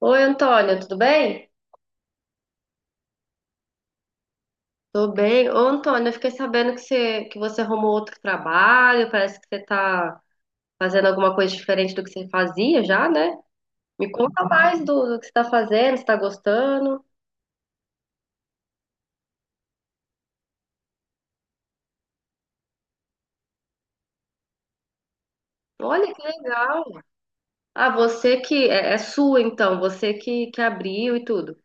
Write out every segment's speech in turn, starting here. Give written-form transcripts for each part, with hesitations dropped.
Oi, Antônia, tudo bem? Tô bem. Ô, Antônia, eu fiquei sabendo que você arrumou outro trabalho, parece que você tá fazendo alguma coisa diferente do que você fazia já, né? Me conta mais do que você tá fazendo, se tá gostando. Olha que legal. Ah, você que é sua então, você que abriu e tudo.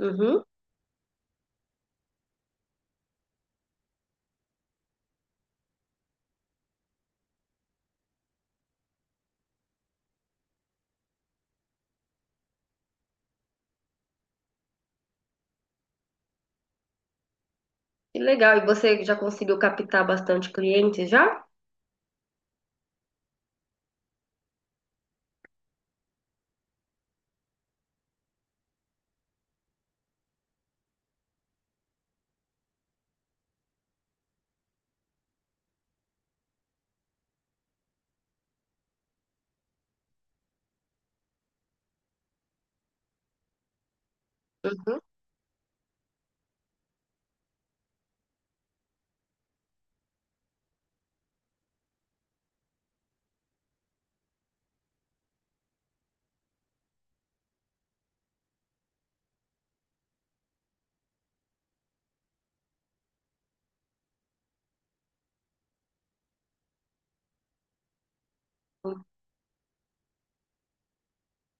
Uhum, que legal. E você já conseguiu captar bastante clientes já? Uhum.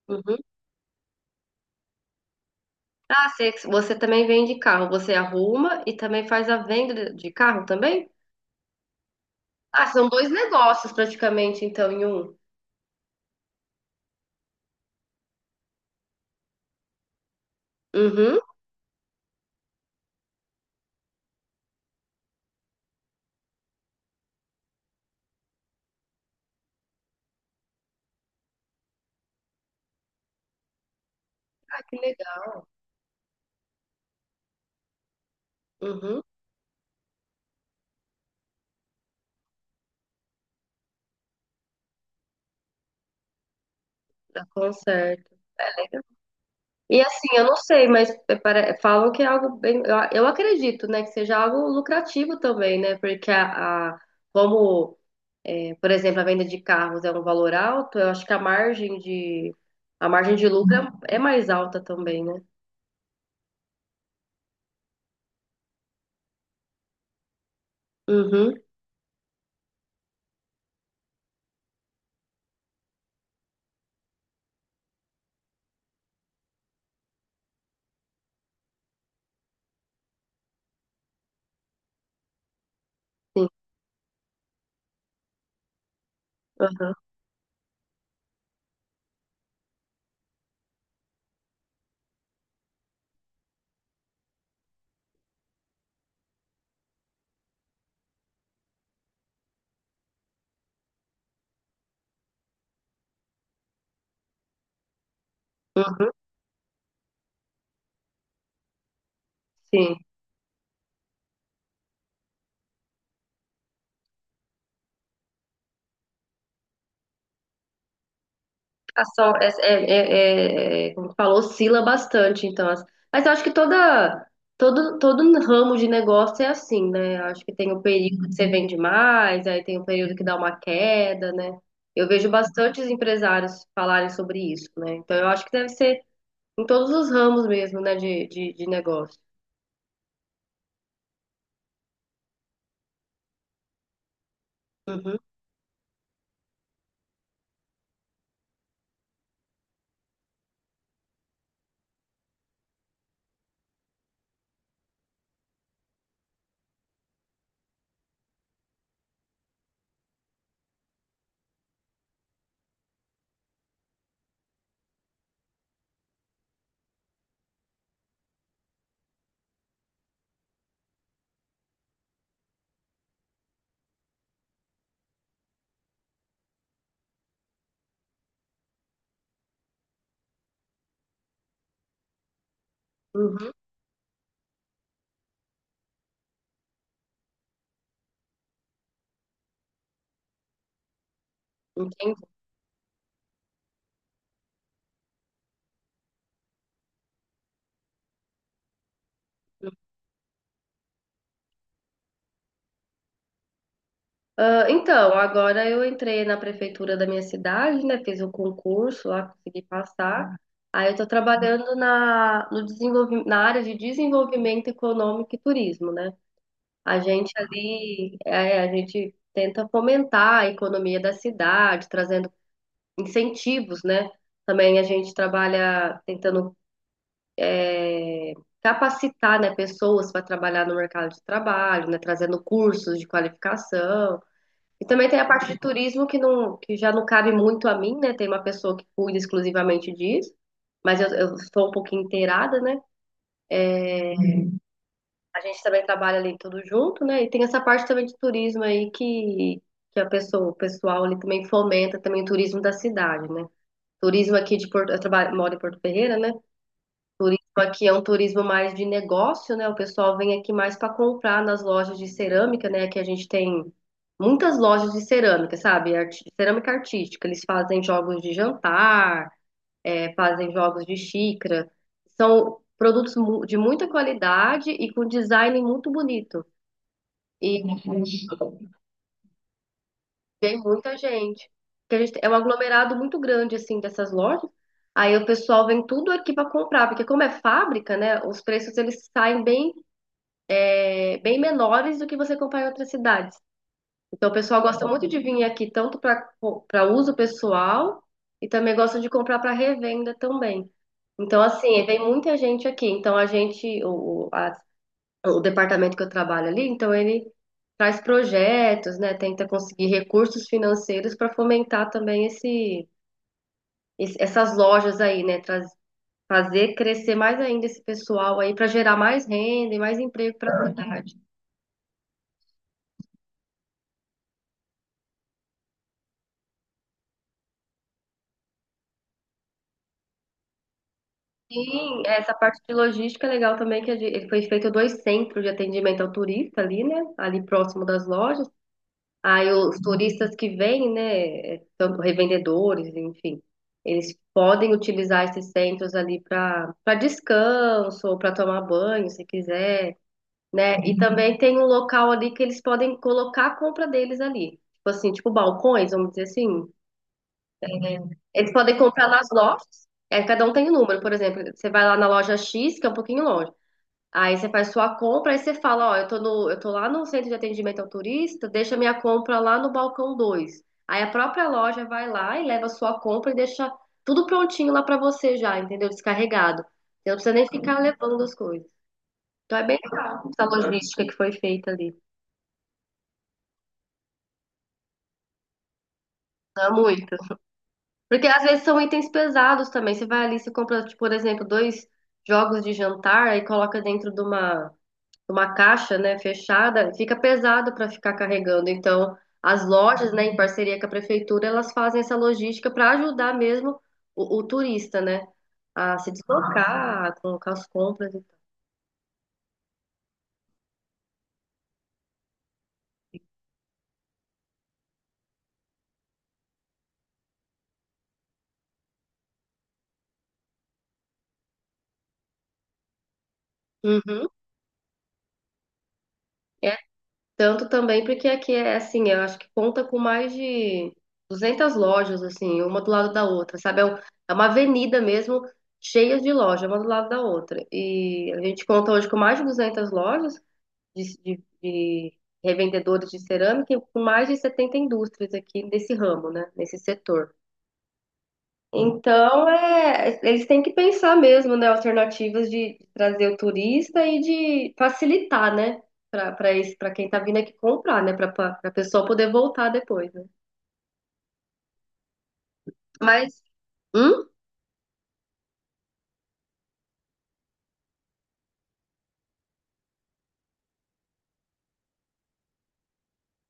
Uhum. Ah, você também vende carro, você arruma e também faz a venda de carro também? Ah, são dois negócios praticamente, então, em um. Uhum. Ah, que legal. Uhum. Dá conserto. E assim, eu não sei, mas falam que é algo bem. Eu acredito, né, que seja algo lucrativo também, né? Porque como, por exemplo, a venda de carros é um valor alto, eu acho que a margem de lucro é mais alta também, né? Uhum, sim. Uhum, uhum, sim. A só, como tu falou, oscila bastante, então. Mas eu acho que todo ramo de negócio é assim, né? Eu acho que tem o período que você vende mais, aí tem o período que dá uma queda, né? Eu vejo bastantes empresários falarem sobre isso, né? Então eu acho que deve ser em todos os ramos mesmo, né, de negócio. Uhum, uhum, entendi. Ah, então, agora eu entrei na prefeitura da minha cidade, né? Fiz o concurso lá, consegui passar. Aí eu estou trabalhando na, no desenvolvi- na área de desenvolvimento econômico e turismo, né? A gente ali, a gente tenta fomentar a economia da cidade, trazendo incentivos, né? Também a gente trabalha tentando é, capacitar, né, pessoas para trabalhar no mercado de trabalho, né? Trazendo cursos de qualificação. E também tem a parte de turismo que não, que já não cabe muito a mim, né? Tem uma pessoa que cuida exclusivamente disso, mas eu sou um pouquinho inteirada, né? A gente também trabalha ali tudo junto, né? E tem essa parte também de turismo aí que o pessoal ali também fomenta também o turismo da cidade, né? Turismo aqui de Porto, eu trabalho, moro em Porto Ferreira, né? Turismo aqui é um turismo mais de negócio, né? O pessoal vem aqui mais para comprar nas lojas de cerâmica, né? Que a gente tem muitas lojas de cerâmica, sabe? Cerâmica artística. Eles fazem jogos de jantar, fazem jogos de xícara. São produtos de muita qualidade e com design muito bonito. E vem muita gente. Porque a gente é um aglomerado muito grande, assim, dessas lojas. Aí o pessoal vem tudo aqui para comprar, porque como é fábrica, né? Os preços eles saem bem menores do que você comprar em outras cidades. Então, o pessoal gosta muito de vir aqui, tanto para uso pessoal e também gosta de comprar para revenda também. Então, assim, vem muita gente aqui. Então, a gente, o, a- o departamento que eu trabalho ali, então ele traz projetos, né? Tenta conseguir recursos financeiros para fomentar também essas lojas aí, né? Fazer crescer mais ainda esse pessoal aí para gerar mais renda e mais emprego para a cidade. Sim, essa parte de logística é legal também, que foi feito dois centros de atendimento ao turista ali, né? Ali próximo das lojas. Aí os turistas que vêm, né? Tanto revendedores, enfim, eles podem utilizar esses centros ali para descanso ou para tomar banho, se quiser, né? E também tem um local ali que eles podem colocar a compra deles ali. Tipo assim, tipo balcões, vamos dizer assim. Eles podem comprar nas lojas. É, cada um tem um número, por exemplo, você vai lá na loja X, que é um pouquinho longe. Aí você faz sua compra, aí você fala, ó, eu tô no, eu tô lá no centro de atendimento ao turista, deixa minha compra lá no balcão 2. Aí a própria loja vai lá e leva a sua compra e deixa tudo prontinho lá pra você já, entendeu? Descarregado. Você não precisa nem ficar levando as coisas. Então é bem legal essa logística que foi feita ali. Não é muito. Porque às vezes são itens pesados também. Você vai ali, você compra, tipo, por exemplo, dois jogos de jantar e coloca dentro de uma caixa, né, fechada, fica pesado para ficar carregando. Então, as lojas, né, em parceria com a prefeitura, elas fazem essa logística para ajudar mesmo o turista, né, a se deslocar, a colocar as compras e tal. Uhum. É, tanto também porque aqui é assim, eu acho que conta com mais de 200 lojas, assim, uma do lado da outra, sabe? É uma avenida mesmo cheia de lojas, uma do lado da outra. E a gente conta hoje com mais de 200 lojas, de revendedores de cerâmica e com mais de 70 indústrias aqui nesse ramo, né? Nesse setor. Então, é, eles têm que pensar mesmo, né? Alternativas de trazer o turista e de facilitar, né? Para esse, para quem tá vindo aqui comprar, né? Para a pessoa poder voltar depois, né? Mas, hum?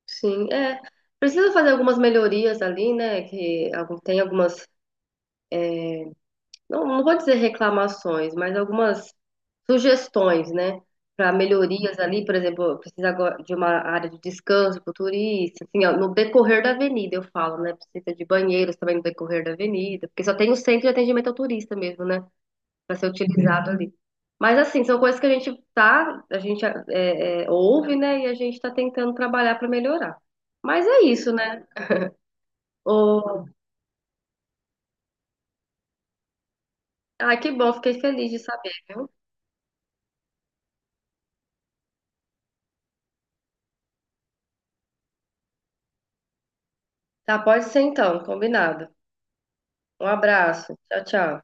Sim, é. Precisa fazer algumas melhorias ali, né? Que tem algumas, não, não vou dizer reclamações, mas algumas sugestões, né? Para melhorias ali, por exemplo, precisa agora de uma área de descanso para o turista, assim, ó, no decorrer da avenida, eu falo, né? Precisa de banheiros também no decorrer da avenida, porque só tem o centro de atendimento ao turista mesmo, né? Para ser utilizado Uhum. ali. Mas, assim, são coisas que a gente tá, a gente ouve, né? E a gente está tentando trabalhar para melhorar. Mas é isso, né? O... Ah, que bom, fiquei feliz de saber, viu? Tá, pode ser então, combinado. Um abraço. Tchau, tchau.